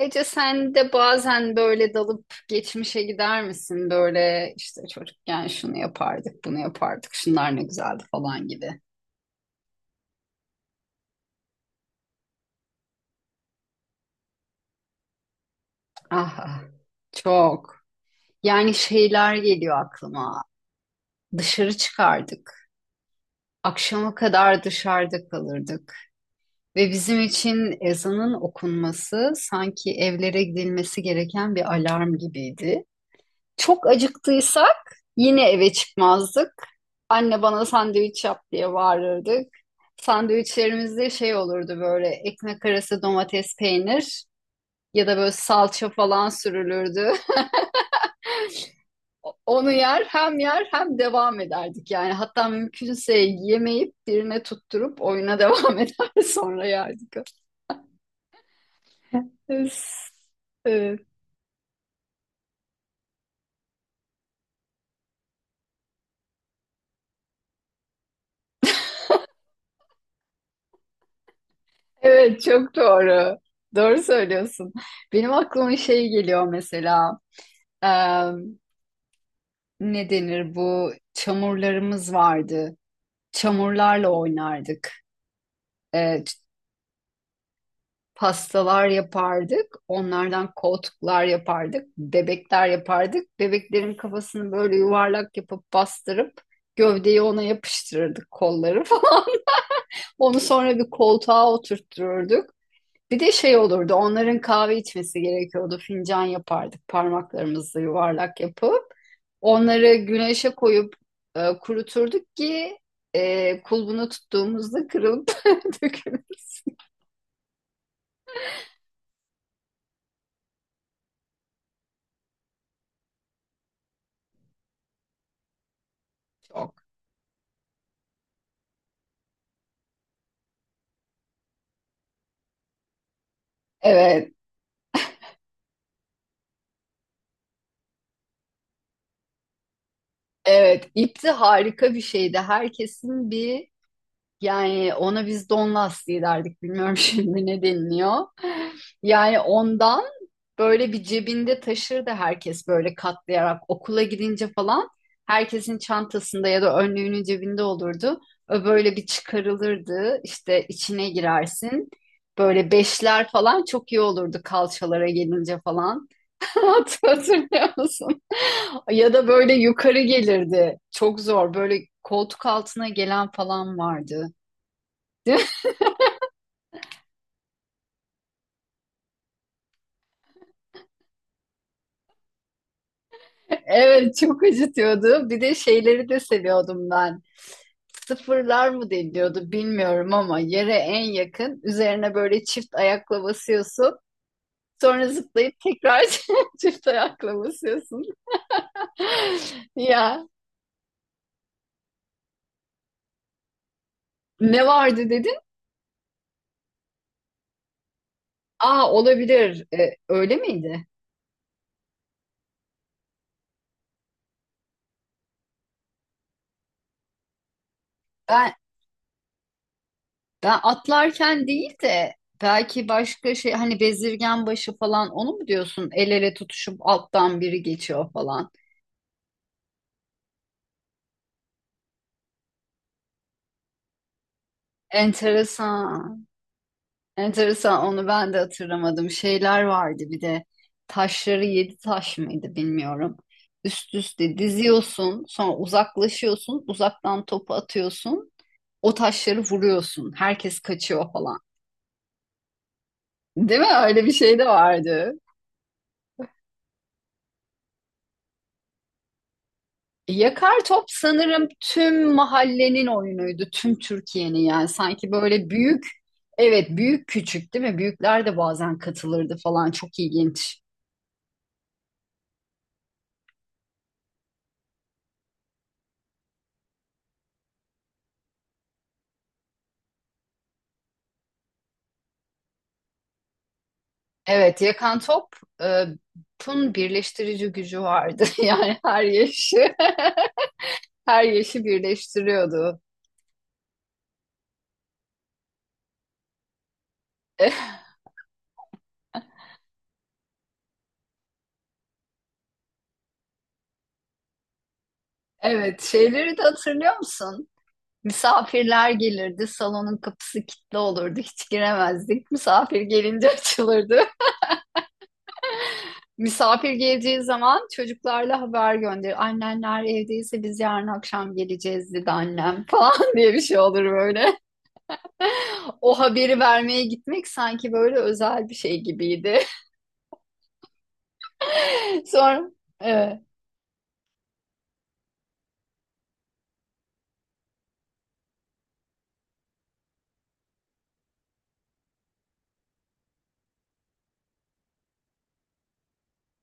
Ece, sen de bazen böyle dalıp geçmişe gider misin? Böyle işte çocukken şunu yapardık, bunu yapardık, şunlar ne güzeldi falan gibi. Ah, ah, çok. Yani şeyler geliyor aklıma. Dışarı çıkardık. Akşama kadar dışarıda kalırdık. Ve bizim için ezanın okunması sanki evlere gidilmesi gereken bir alarm gibiydi. Çok acıktıysak yine eve çıkmazdık. Anne bana sandviç yap diye bağırırdık. Sandviçlerimizde şey olurdu böyle ekmek arası domates peynir ya da böyle salça falan sürülürdü. Onu yer hem yer hem devam ederdik yani. Hatta mümkünse yemeyip birine tutturup oyuna devam eder sonra yerdik. Evet, evet, çok doğru. Doğru söylüyorsun. Benim aklıma şey geliyor mesela. Ne denir, bu çamurlarımız vardı. Çamurlarla oynardık. Ee, Pastalar yapardık. Onlardan koltuklar yapardık. Bebekler yapardık. Bebeklerin kafasını böyle yuvarlak yapıp bastırıp gövdeyi ona yapıştırırdık, kolları falan. Onu sonra bir koltuğa oturttururduk. Bir de şey olurdu, onların kahve içmesi gerekiyordu. Fincan yapardık parmaklarımızla yuvarlak yapıp. Onları güneşe koyup kuruturduk ki kulbunu tuttuğumuzda kırılıp dökülmesin. Çok. Evet, evet. İp harika bir şeydi. Herkesin bir, yani ona biz don lastiği derdik. Bilmiyorum şimdi ne deniliyor. Yani ondan böyle bir cebinde taşırdı herkes, böyle katlayarak okula gidince falan herkesin çantasında ya da önlüğünün cebinde olurdu. O böyle bir çıkarılırdı işte, içine girersin. Böyle beşler falan çok iyi olurdu kalçalara gelince falan. Hatırlıyor musun? Ya da böyle yukarı gelirdi. Çok zor. Böyle koltuk altına gelen falan vardı. Evet, çok acıtıyordu. Bir de şeyleri de seviyordum ben. Sıfırlar mı deniliyordu bilmiyorum ama yere en yakın, üzerine böyle çift ayakla basıyorsun. Sonra zıplayıp tekrar çift ayakla basıyorsun. Ya, ne vardı dedin? Aa, olabilir. Öyle miydi? Ben Ben atlarken değil de belki başka şey, hani bezirgen başı falan, onu mu diyorsun? El ele tutuşup alttan biri geçiyor falan. Enteresan. Enteresan, onu ben de hatırlamadım. Şeyler vardı bir de, taşları, yedi taş mıydı bilmiyorum. Üst üste diziyorsun, sonra uzaklaşıyorsun, uzaktan topu atıyorsun, o taşları vuruyorsun, herkes kaçıyor falan. Değil mi, öyle bir şey de vardı. Yakar top sanırım tüm mahallenin oyunuydu, tüm Türkiye'nin, yani sanki böyle büyük, evet, büyük küçük değil mi? Büyükler de bazen katılırdı falan, çok ilginç. Evet, yakan topun birleştirici gücü vardı. Yani her yaşı, her yaşı birleştiriyordu. Evet, şeyleri de hatırlıyor musun? Misafirler gelirdi, salonun kapısı kilitli olurdu, hiç giremezdik. Misafir gelince açılırdı. Misafir geleceği zaman çocuklarla haber gönderir. Annenler evdeyse biz yarın akşam geleceğiz dedi annem falan diye bir şey olur böyle. O haberi vermeye gitmek sanki böyle özel bir şey gibiydi. Sonra evet.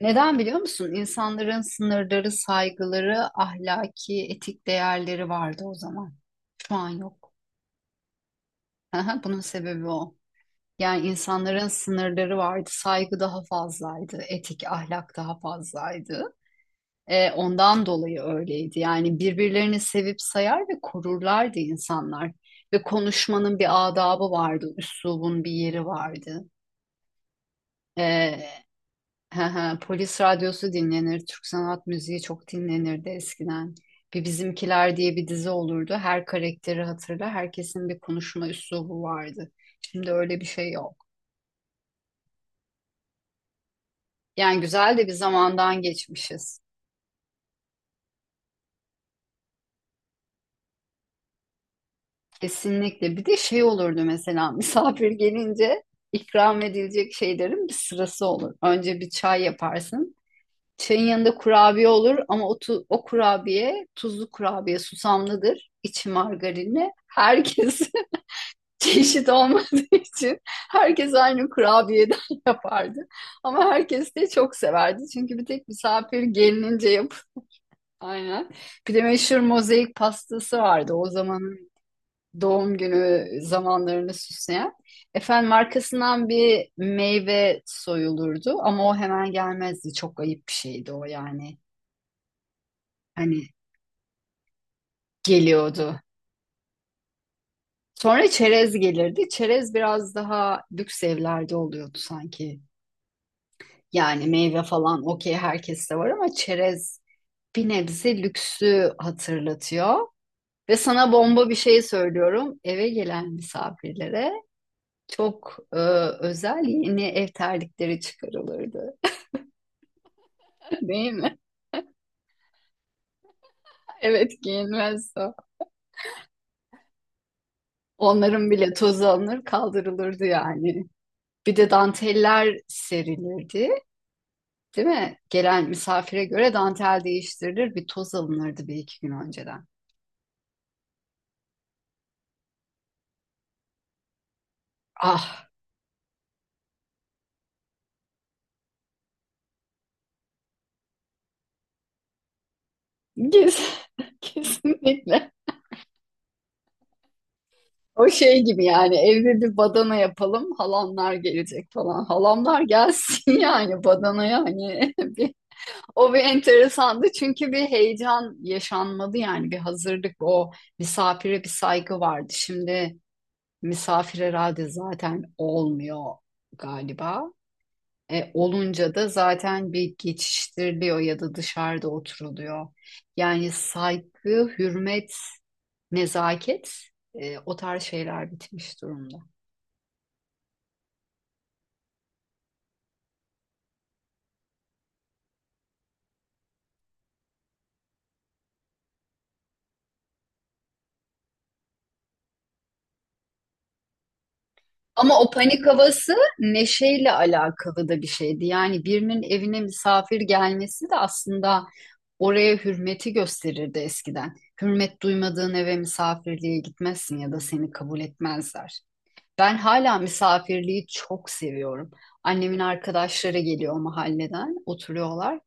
Neden biliyor musun? İnsanların sınırları, saygıları, ahlaki, etik değerleri vardı o zaman. Şu an yok. Aha, bunun sebebi o. Yani insanların sınırları vardı, saygı daha fazlaydı, etik, ahlak daha fazlaydı. Ondan dolayı öyleydi. Yani birbirlerini sevip sayar ve korurlardı insanlar. Ve konuşmanın bir adabı vardı, üslubun bir yeri vardı. E, Hı hı, polis radyosu dinlenir, Türk sanat müziği çok dinlenirdi eskiden. Bir Bizimkiler diye bir dizi olurdu. Her karakteri hatırla, herkesin bir konuşma üslubu vardı. Şimdi öyle bir şey yok. Yani güzel de bir zamandan geçmişiz. Kesinlikle. Bir de şey olurdu mesela, misafir gelince ikram edilecek şeylerin bir sırası olur. Önce bir çay yaparsın. Çayın yanında kurabiye olur ama o, o kurabiye tuzlu kurabiye susamlıdır. İçi margarinli. Herkes çeşit olmadığı için herkes aynı kurabiyeden yapardı. Ama herkes de çok severdi. Çünkü bir tek misafir gelinince yap. Aynen. Bir de meşhur mozaik pastası vardı. O zamanın doğum günü zamanlarını süsleyen. Efendim markasından bir meyve soyulurdu ama o hemen gelmezdi. Çok ayıp bir şeydi o yani. Hani geliyordu. Sonra çerez gelirdi. Çerez biraz daha lüks evlerde oluyordu sanki. Yani meyve falan okey, herkeste var ama çerez bir nebze lüksü hatırlatıyor. Ve sana bomba bir şey söylüyorum. Eve gelen misafirlere çok özel yeni ev terlikleri çıkarılırdı. Değil mi? Evet, giyinmezse. Onların bile tozu alınır kaldırılırdı yani. Bir de danteller serilirdi. Değil mi? Gelen misafire göre dantel değiştirilir. Bir toz alınırdı bir iki gün önceden. Ah, Kes- kesinlikle. O şey gibi yani, evde bir badana yapalım, halamlar gelecek falan. Halamlar gelsin yani badanaya, hani bir, o bir enteresandı çünkü bir heyecan yaşanmadı yani, bir hazırlık, o misafire bir saygı vardı. Şimdi misafir herhalde zaten olmuyor galiba. Olunca da zaten bir geçiştiriliyor ya da dışarıda oturuluyor. Yani saygı, hürmet, nezaket, o tarz şeyler bitmiş durumda. Ama o panik havası neşeyle alakalı da bir şeydi. Yani birinin evine misafir gelmesi de aslında oraya hürmeti gösterirdi eskiden. Hürmet duymadığın eve misafirliğe gitmezsin ya da seni kabul etmezler. Ben hala misafirliği çok seviyorum. Annemin arkadaşları geliyor mahalleden, oturuyorlar.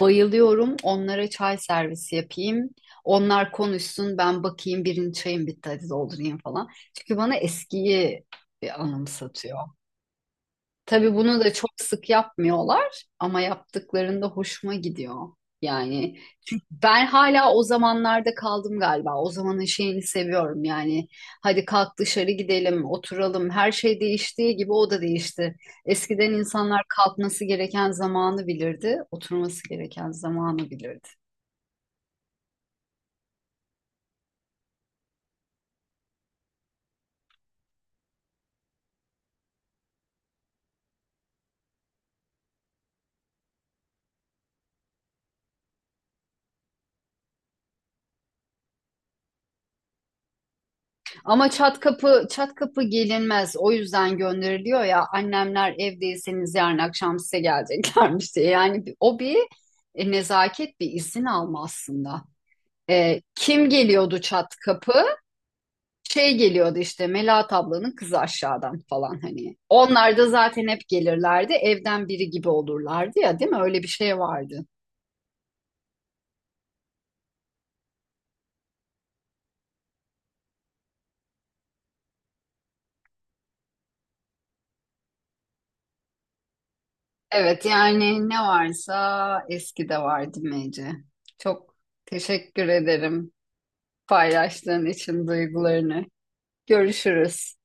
Bayılıyorum. Onlara çay servisi yapayım. Onlar konuşsun, ben bakayım, birinci çayım bitti, hadi doldurayım falan. Çünkü bana eskiyi bir anımsatıyor. Tabii bunu da çok sık yapmıyorlar ama yaptıklarında hoşuma gidiyor. Yani, çünkü ben hala o zamanlarda kaldım galiba. O zamanın şeyini seviyorum yani. Hadi kalk dışarı gidelim, oturalım. Her şey değiştiği gibi o da değişti. Eskiden insanlar kalkması gereken zamanı bilirdi, oturması gereken zamanı bilirdi. Ama çat kapı çat kapı gelinmez. O yüzden gönderiliyor ya, annemler evdeyseniz yarın akşam size geleceklermiş diye. Yani o bir nezaket, bir izin alma aslında. Kim geliyordu çat kapı? Şey geliyordu işte, Melahat ablanın kızı aşağıdan falan hani. Onlar da zaten hep gelirlerdi. Evden biri gibi olurlardı ya, değil mi? Öyle bir şey vardı. Evet, yani ne varsa eskide vardı, Mece. Çok teşekkür ederim, paylaştığın için duygularını. Görüşürüz.